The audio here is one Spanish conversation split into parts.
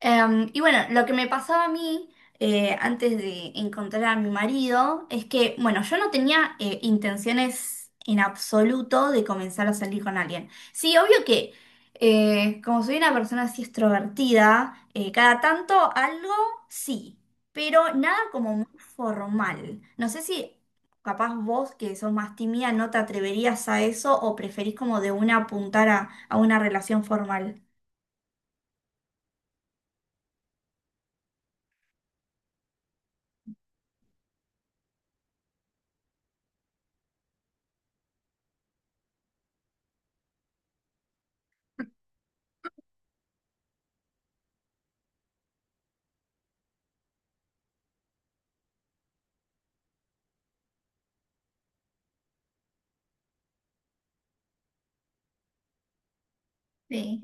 Y bueno, lo que me pasaba a mí antes de encontrar a mi marido es que, bueno, yo no tenía intenciones en absoluto de comenzar a salir con alguien. Sí, obvio que como soy una persona así extrovertida, cada tanto algo sí, pero nada como muy formal. No sé si capaz vos que sos más tímida no te atreverías a eso o preferís como de una apuntar a una relación formal. Sí.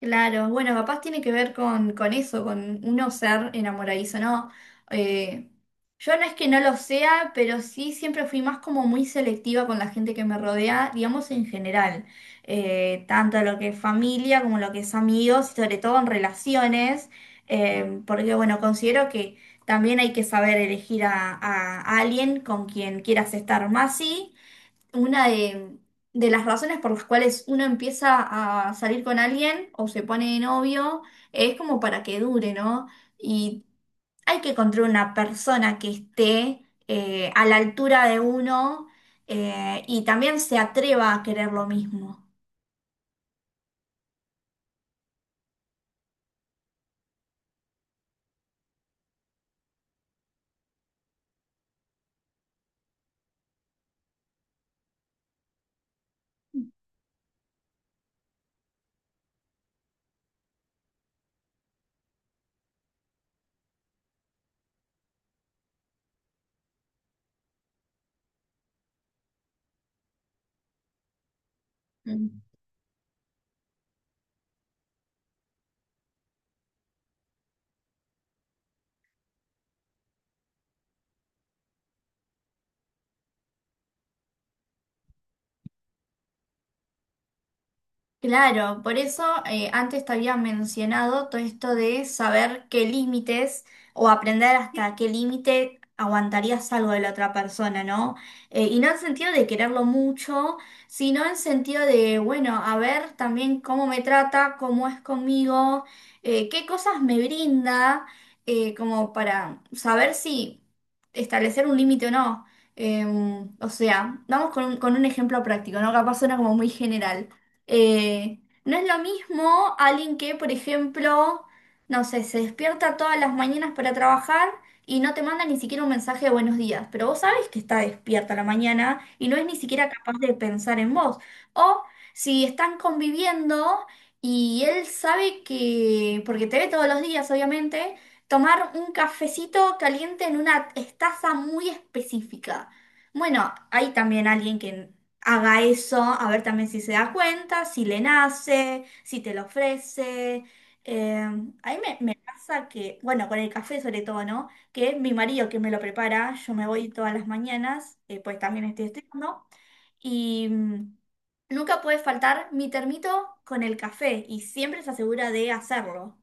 Claro, bueno, capaz tiene que ver con eso, con uno ser enamoradizo, ¿no? Eh, yo no es que no lo sea, pero sí siempre fui más como muy selectiva con la gente que me rodea, digamos en general. Tanto lo que es familia como lo que es amigos, y sobre todo en relaciones, porque bueno, considero que también hay que saber elegir a alguien con quien quieras estar más, sí una de las razones por las cuales uno empieza a salir con alguien o se pone de novio es como para que dure, ¿no? Y hay que encontrar una persona que esté a la altura de uno y también se atreva a querer lo mismo. Claro, por eso antes te había mencionado todo esto de saber qué límites o aprender hasta qué límite aguantarías algo de la otra persona, ¿no? Y no en sentido de quererlo mucho, sino en sentido de, bueno, a ver también cómo me trata, cómo es conmigo, qué cosas me brinda, como para saber si establecer un límite o no. O sea, vamos con un ejemplo práctico, ¿no? Capaz suena como muy general. Eh, no es lo mismo alguien que, por ejemplo, no sé, se despierta todas las mañanas para trabajar y no te manda ni siquiera un mensaje de buenos días, pero vos sabés que está despierta a la mañana y no es ni siquiera capaz de pensar en vos. O si están conviviendo y él sabe que, porque te ve todos los días, obviamente, tomar un cafecito caliente en una taza muy específica. Bueno, hay también alguien que haga eso, a ver también si se da cuenta, si le nace, si te lo ofrece. A mí me pasa que, bueno, con el café sobre todo, ¿no? Que mi marido que me lo prepara, yo me voy todas las mañanas, pues también estoy estudiando, y nunca puede faltar mi termito con el café y siempre se asegura de hacerlo.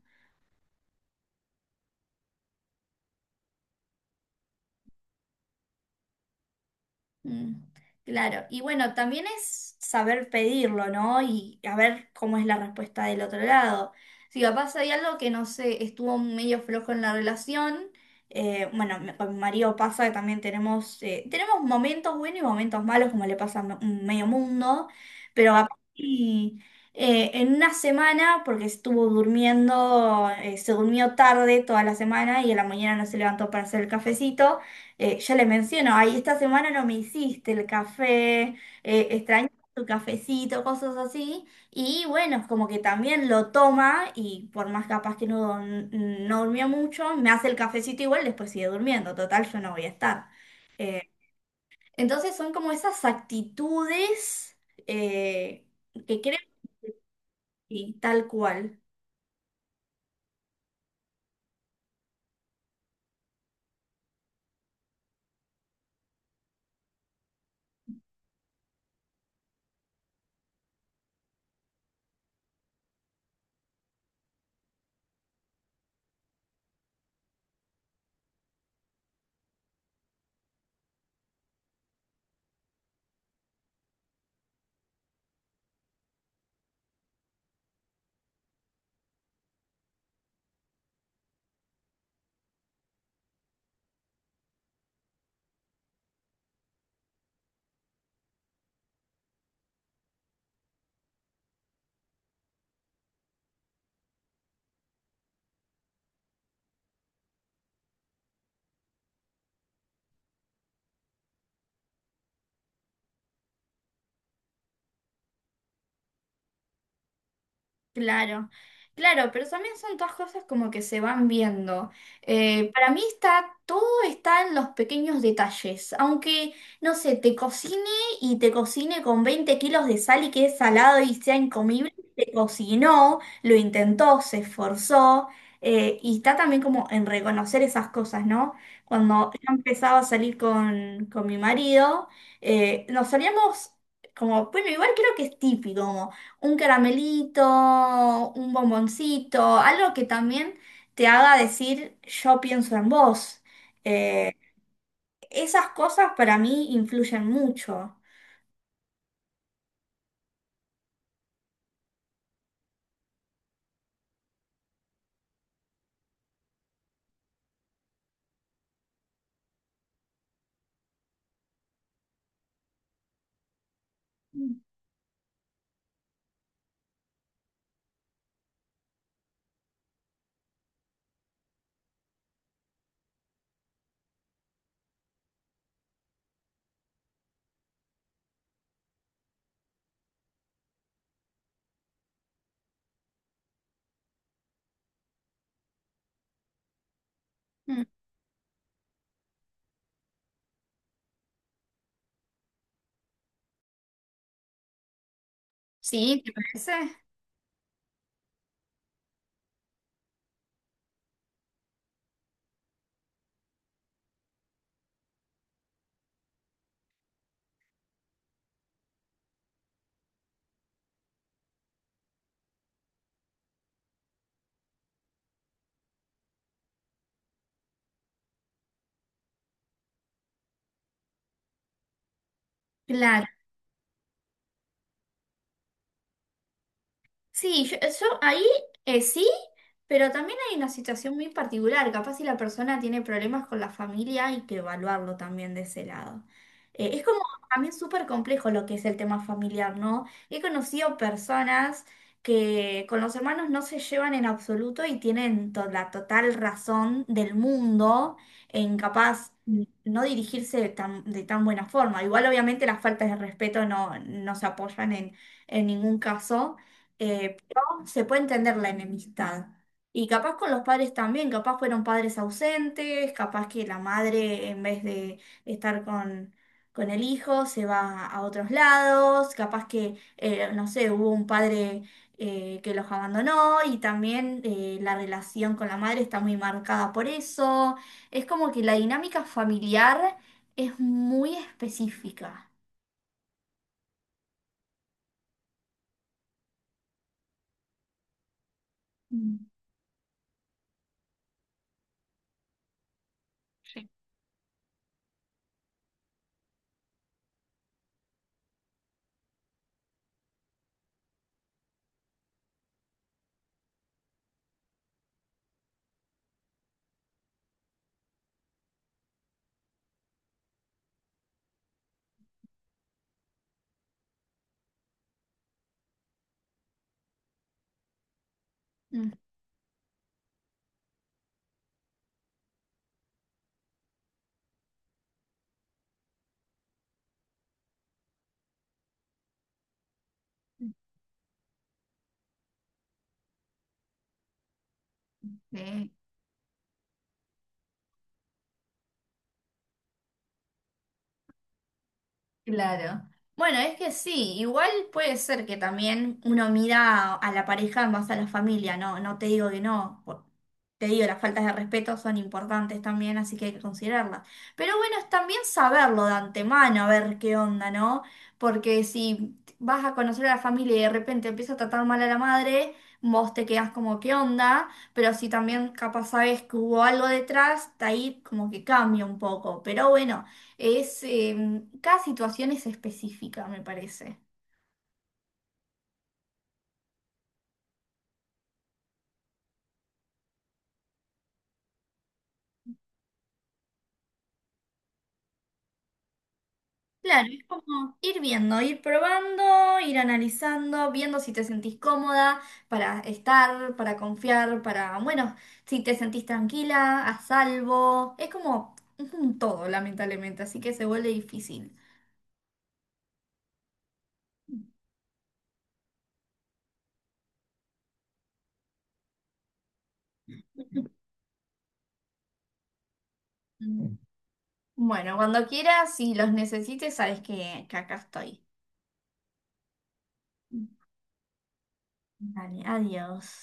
Mm. Claro, y bueno, también es saber pedirlo, ¿no? Y a ver cómo es la respuesta del otro lado. Si capaz hay algo que no sé, estuvo medio flojo en la relación, bueno, con mi marido pasa que también tenemos, tenemos momentos buenos y momentos malos, como le pasa a un medio mundo, pero capaz y, en una semana, porque estuvo durmiendo, se durmió tarde toda la semana y a la mañana no se levantó para hacer el cafecito. Ya le menciono, ay, esta semana no me hiciste el café, extraño tu cafecito, cosas así. Y bueno, es como que también lo toma y por más capaz que no, no durmió mucho, me hace el cafecito igual, después sigue durmiendo, total, yo no voy a estar. Eh, entonces son como esas actitudes eh, que creo que sí, tal cual. Claro, claro, pero también son todas cosas como que se van viendo. Para mí todo está en los pequeños detalles. Aunque, no sé, te cocine y te cocine con 20 kilos de sal y que es salado y sea incomible, te cocinó, lo intentó, se esforzó. Y está también como en reconocer esas cosas, ¿no? Cuando yo empezaba a salir con mi marido, nos salíamos como, bueno, igual creo que es típico un caramelito, un bomboncito, algo que también te haga decir yo pienso en vos. Eh, esas cosas para mí influyen mucho. Mm, mm, parece. Claro. Sí, yo ahí sí, pero también hay una situación muy particular. Capaz si la persona tiene problemas con la familia, hay que evaluarlo también de ese lado. Es como también súper complejo lo que es el tema familiar, ¿no? He conocido personas que con los hermanos no se llevan en absoluto y tienen la total razón del mundo en capaz no dirigirse de tan buena forma. Igual obviamente las faltas de respeto no, no se apoyan en ningún caso pero se puede entender la enemistad. Y capaz con los padres también, capaz fueron padres ausentes, capaz que la madre en vez de estar con el hijo se va a otros lados, capaz que, no sé, hubo un padre que los abandonó y también la relación con la madre está muy marcada por eso. Es como que la dinámica familiar es muy específica. Mm. Mm. Claro. Bueno, es que sí, igual puede ser que también uno mira a la pareja más a la familia, no, no te digo que no, te digo, las faltas de respeto son importantes también, así que hay que considerarlas. Pero bueno, es también saberlo de antemano, a ver qué onda, ¿no? Porque si vas a conocer a la familia y de repente empieza a tratar mal a la madre, vos te quedás como qué onda, pero si también capaz sabes que hubo algo detrás, de ahí como que cambia un poco. Pero bueno. Cada situación es específica, me parece. Claro, es como ir viendo, ir probando, ir analizando, viendo si te sentís cómoda para estar, para confiar, para, bueno, si te sentís tranquila, a salvo. Es como un todo, lamentablemente, así que se vuelve difícil. Mm. Bueno, cuando quieras, si los necesites, sabes que acá estoy. Dale, adiós.